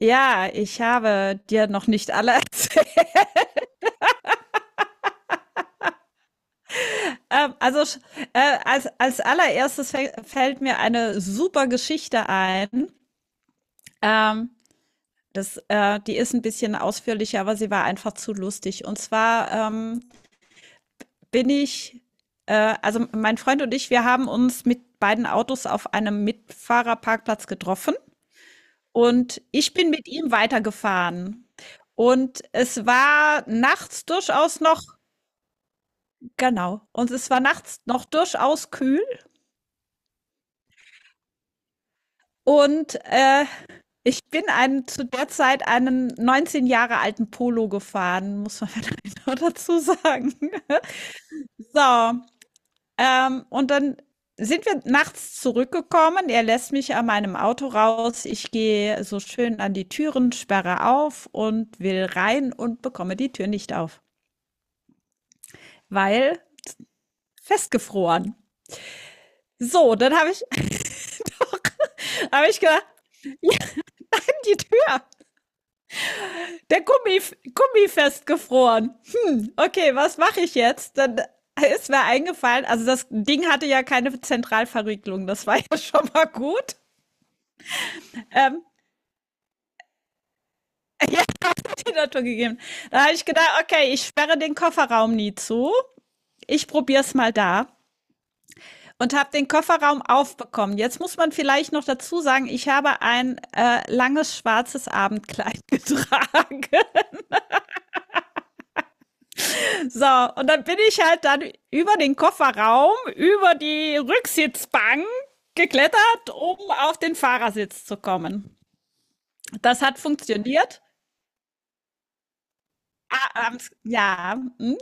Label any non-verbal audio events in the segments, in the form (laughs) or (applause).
Ja, ich habe dir noch nicht alle (laughs) erzählt. Ähm, also sch- als, allererstes fällt mir eine super Geschichte ein. Ähm, das, die ist ein bisschen ausführlicher, aber sie war einfach zu lustig. Und zwar bin ich, also mein Freund und ich, wir haben uns mit beiden Autos auf einem Mitfahrerparkplatz getroffen und ich bin mit ihm weitergefahren. Und es war nachts durchaus noch. Genau. Und es war nachts noch durchaus kühl und, ich bin einen zu der Zeit einen 19 Jahre alten Polo gefahren, muss man (laughs) vielleicht noch dazu sagen. (laughs) So, und dann sind wir nachts zurückgekommen. Er lässt mich an meinem Auto raus. Ich gehe so schön an die Türen, sperre auf und will rein und bekomme die Tür nicht auf, weil festgefroren. So, dann (laughs) hab ich gedacht, nimm die Tür. Der Gummi festgefroren. Hm, okay, was mache ich jetzt? Dann ist mir eingefallen, also das Ding hatte ja keine Zentralverriegelung, das war (laughs) ja schon mal gut. Ähm, die Natur gegeben. Da habe ich gedacht, okay, ich sperre den Kofferraum nie zu. Ich probiere es mal da und habe den Kofferraum aufbekommen. Jetzt muss man vielleicht noch dazu sagen, ich habe ein langes schwarzes Abendkleid getragen. (laughs) So, und dann bin ich halt dann über den Kofferraum, über die Rücksitzbank geklettert, um auf den Fahrersitz zu kommen. Das hat funktioniert. Ah, abends, ja, mhm,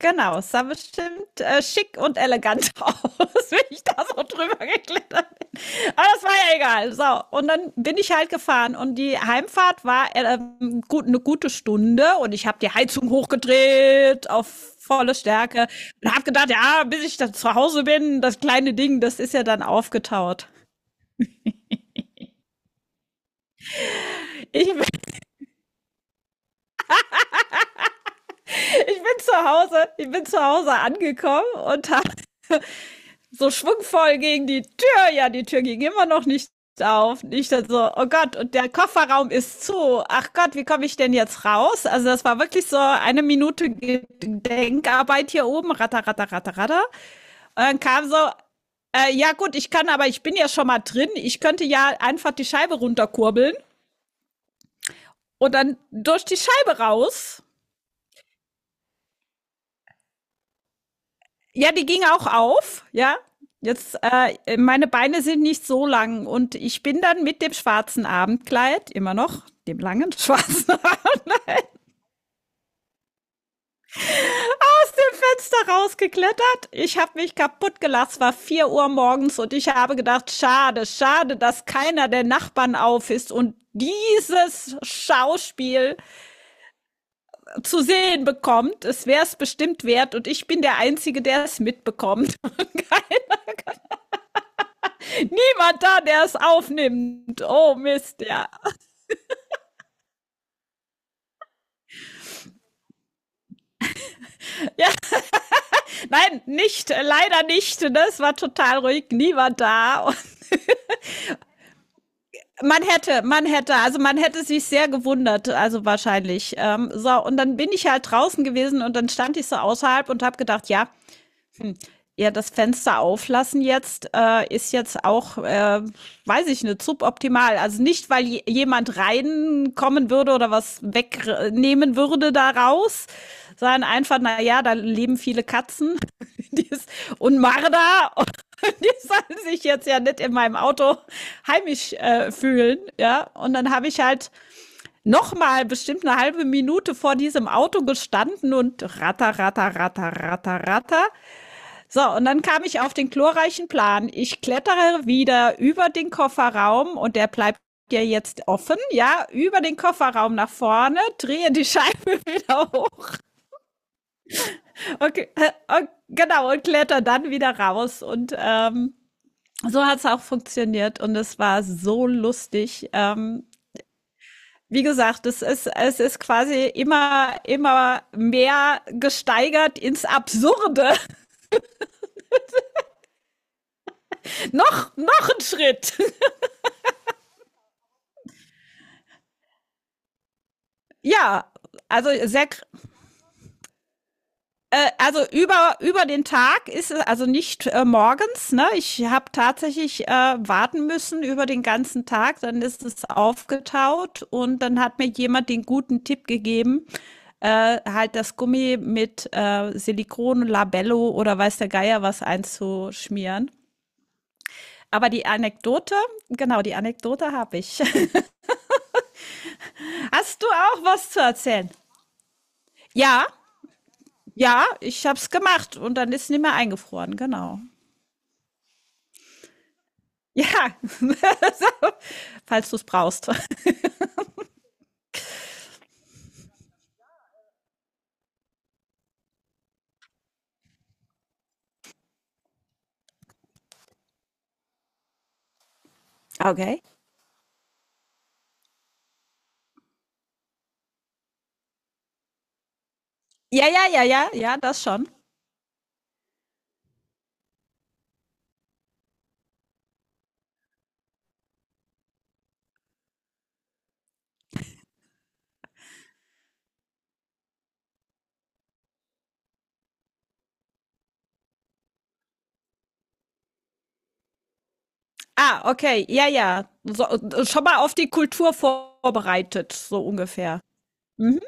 genau. Es sah bestimmt schick und elegant (laughs) aus, wenn ich da so drüber geklettert bin. Aber das war ja egal. So, und dann bin ich halt gefahren und die Heimfahrt war gut, eine gute Stunde und ich habe die Heizung hochgedreht auf volle Stärke und habe gedacht, ja, bis ich dann zu Hause bin, das kleine Ding, das ist ja dann aufgetaut. Ich, bin- (laughs) ich bin zu Hause angekommen und habe so schwungvoll gegen die Tür. Ja, die Tür ging immer noch nicht auf. Nicht dann so, oh Gott, und der Kofferraum ist zu. Ach Gott, wie komme ich denn jetzt raus? Also das war wirklich so eine Minute Denkarbeit hier oben. Ratter, ratter, ratter, ratter. Und dann kam so, ja gut, ich kann, aber ich bin ja schon mal drin. Ich könnte ja einfach die Scheibe runterkurbeln und dann durch die Scheibe raus. Ja, die ging auch auf, ja. Jetzt, meine Beine sind nicht so lang und ich bin dann mit dem schwarzen Abendkleid, immer noch, dem langen schwarzen, (laughs) aus dem Fenster rausgeklettert. Ich habe mich kaputt gelassen, es war 4 Uhr morgens und ich habe gedacht, schade, schade, dass keiner der Nachbarn auf ist und dieses Schauspiel zu sehen bekommt. Es wäre es bestimmt wert und ich bin der Einzige, der es mitbekommt. (laughs) Niemand da, der es aufnimmt. Oh Mist, ja. Nein, nicht, leider nicht. Ne? Es war total ruhig, niemand da. Und man hätte, also man hätte sich sehr gewundert, also wahrscheinlich. So, und dann bin ich halt draußen gewesen und dann stand ich so außerhalb und habe gedacht, ja, ja, das Fenster auflassen jetzt ist jetzt auch, weiß ich nicht, suboptimal. Also nicht, weil jemand reinkommen würde oder was wegnehmen würde daraus, sondern einfach, na ja, da leben viele Katzen (laughs) die ist, und Marder (laughs) und die sollen sich jetzt ja nicht in meinem Auto heimisch fühlen. Ja, und dann habe ich halt noch mal bestimmt eine halbe Minute vor diesem Auto gestanden und ratter, ratter, ratter, ratter, ratter. So, und dann kam ich auf den glorreichen Plan. Ich klettere wieder über den Kofferraum und der bleibt ja jetzt offen, ja, über den Kofferraum nach vorne, drehe die Scheibe (laughs) wieder hoch. Okay, genau, und kletter dann wieder raus. Und so hat es auch funktioniert und es war so lustig. Wie gesagt, es ist quasi immer, immer mehr gesteigert ins Absurde. (laughs) Noch ein Schritt. (laughs) Ja, also sehr. Also über den Tag ist es also nicht morgens. Ne? Ich habe tatsächlich warten müssen über den ganzen Tag. Dann ist es aufgetaut und dann hat mir jemand den guten Tipp gegeben, halt das Gummi mit Silikon, Labello oder weiß der Geier was einzuschmieren. Aber die Anekdote habe ich. (laughs) Hast du auch was zu erzählen? Ja, ja, ich habe es gemacht und dann ist es nicht mehr eingefroren, genau. Ja, (laughs) falls du es brauchst. Okay. Ja, ja, ja, ja, ja, das schon. Ah, okay, ja, ja. So, schon mal auf die Kultur vorbereitet, so ungefähr. Mhm.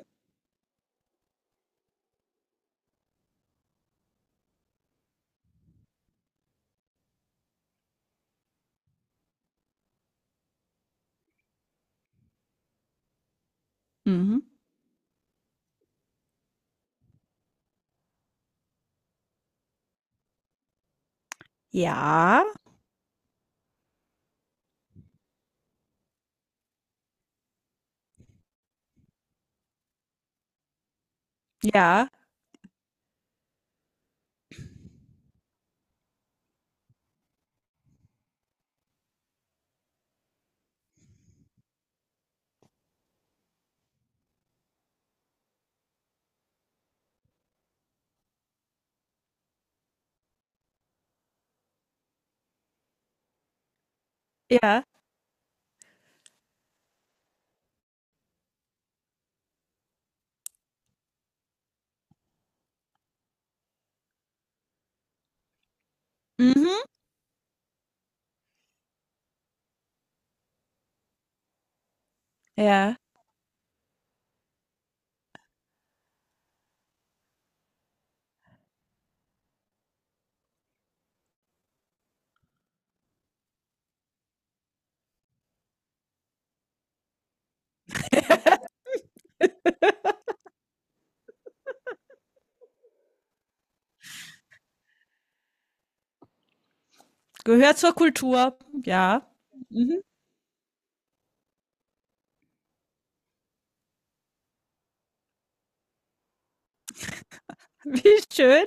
Mhm. Ja, ja, ja. Mhm. Ja. Gehört zur Kultur. Ja. Mhm. (laughs) Wie schön.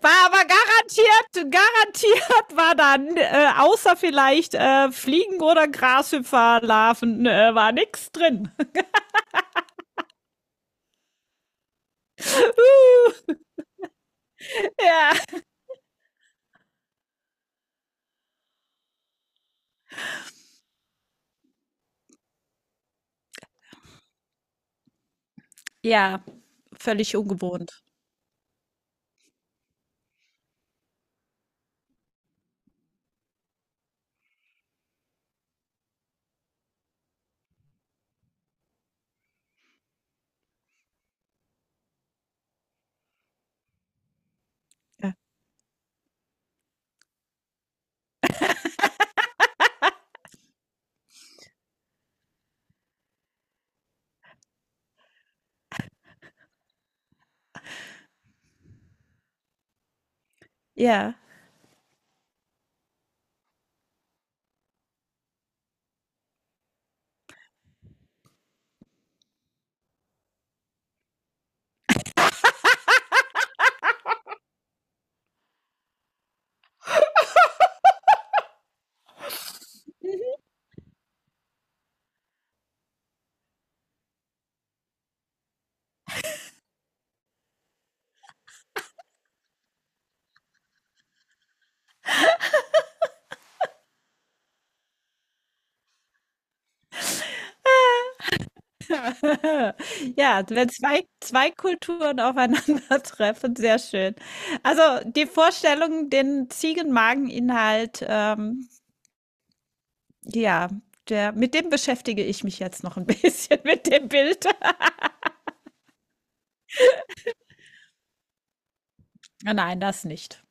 War aber garantiert, garantiert war dann, außer vielleicht Fliegen oder Grashüpferlarven, war nix drin. (laughs) uh, ja. Ja, völlig ungewohnt. Ja. Ja. (laughs) Ja, wenn zwei Kulturen aufeinandertreffen, sehr schön. Also, die Vorstellung, den Ziegenmageninhalt, ja, der mit dem beschäftige ich mich jetzt noch ein bisschen (laughs) mit dem Bild. Nein, das nicht.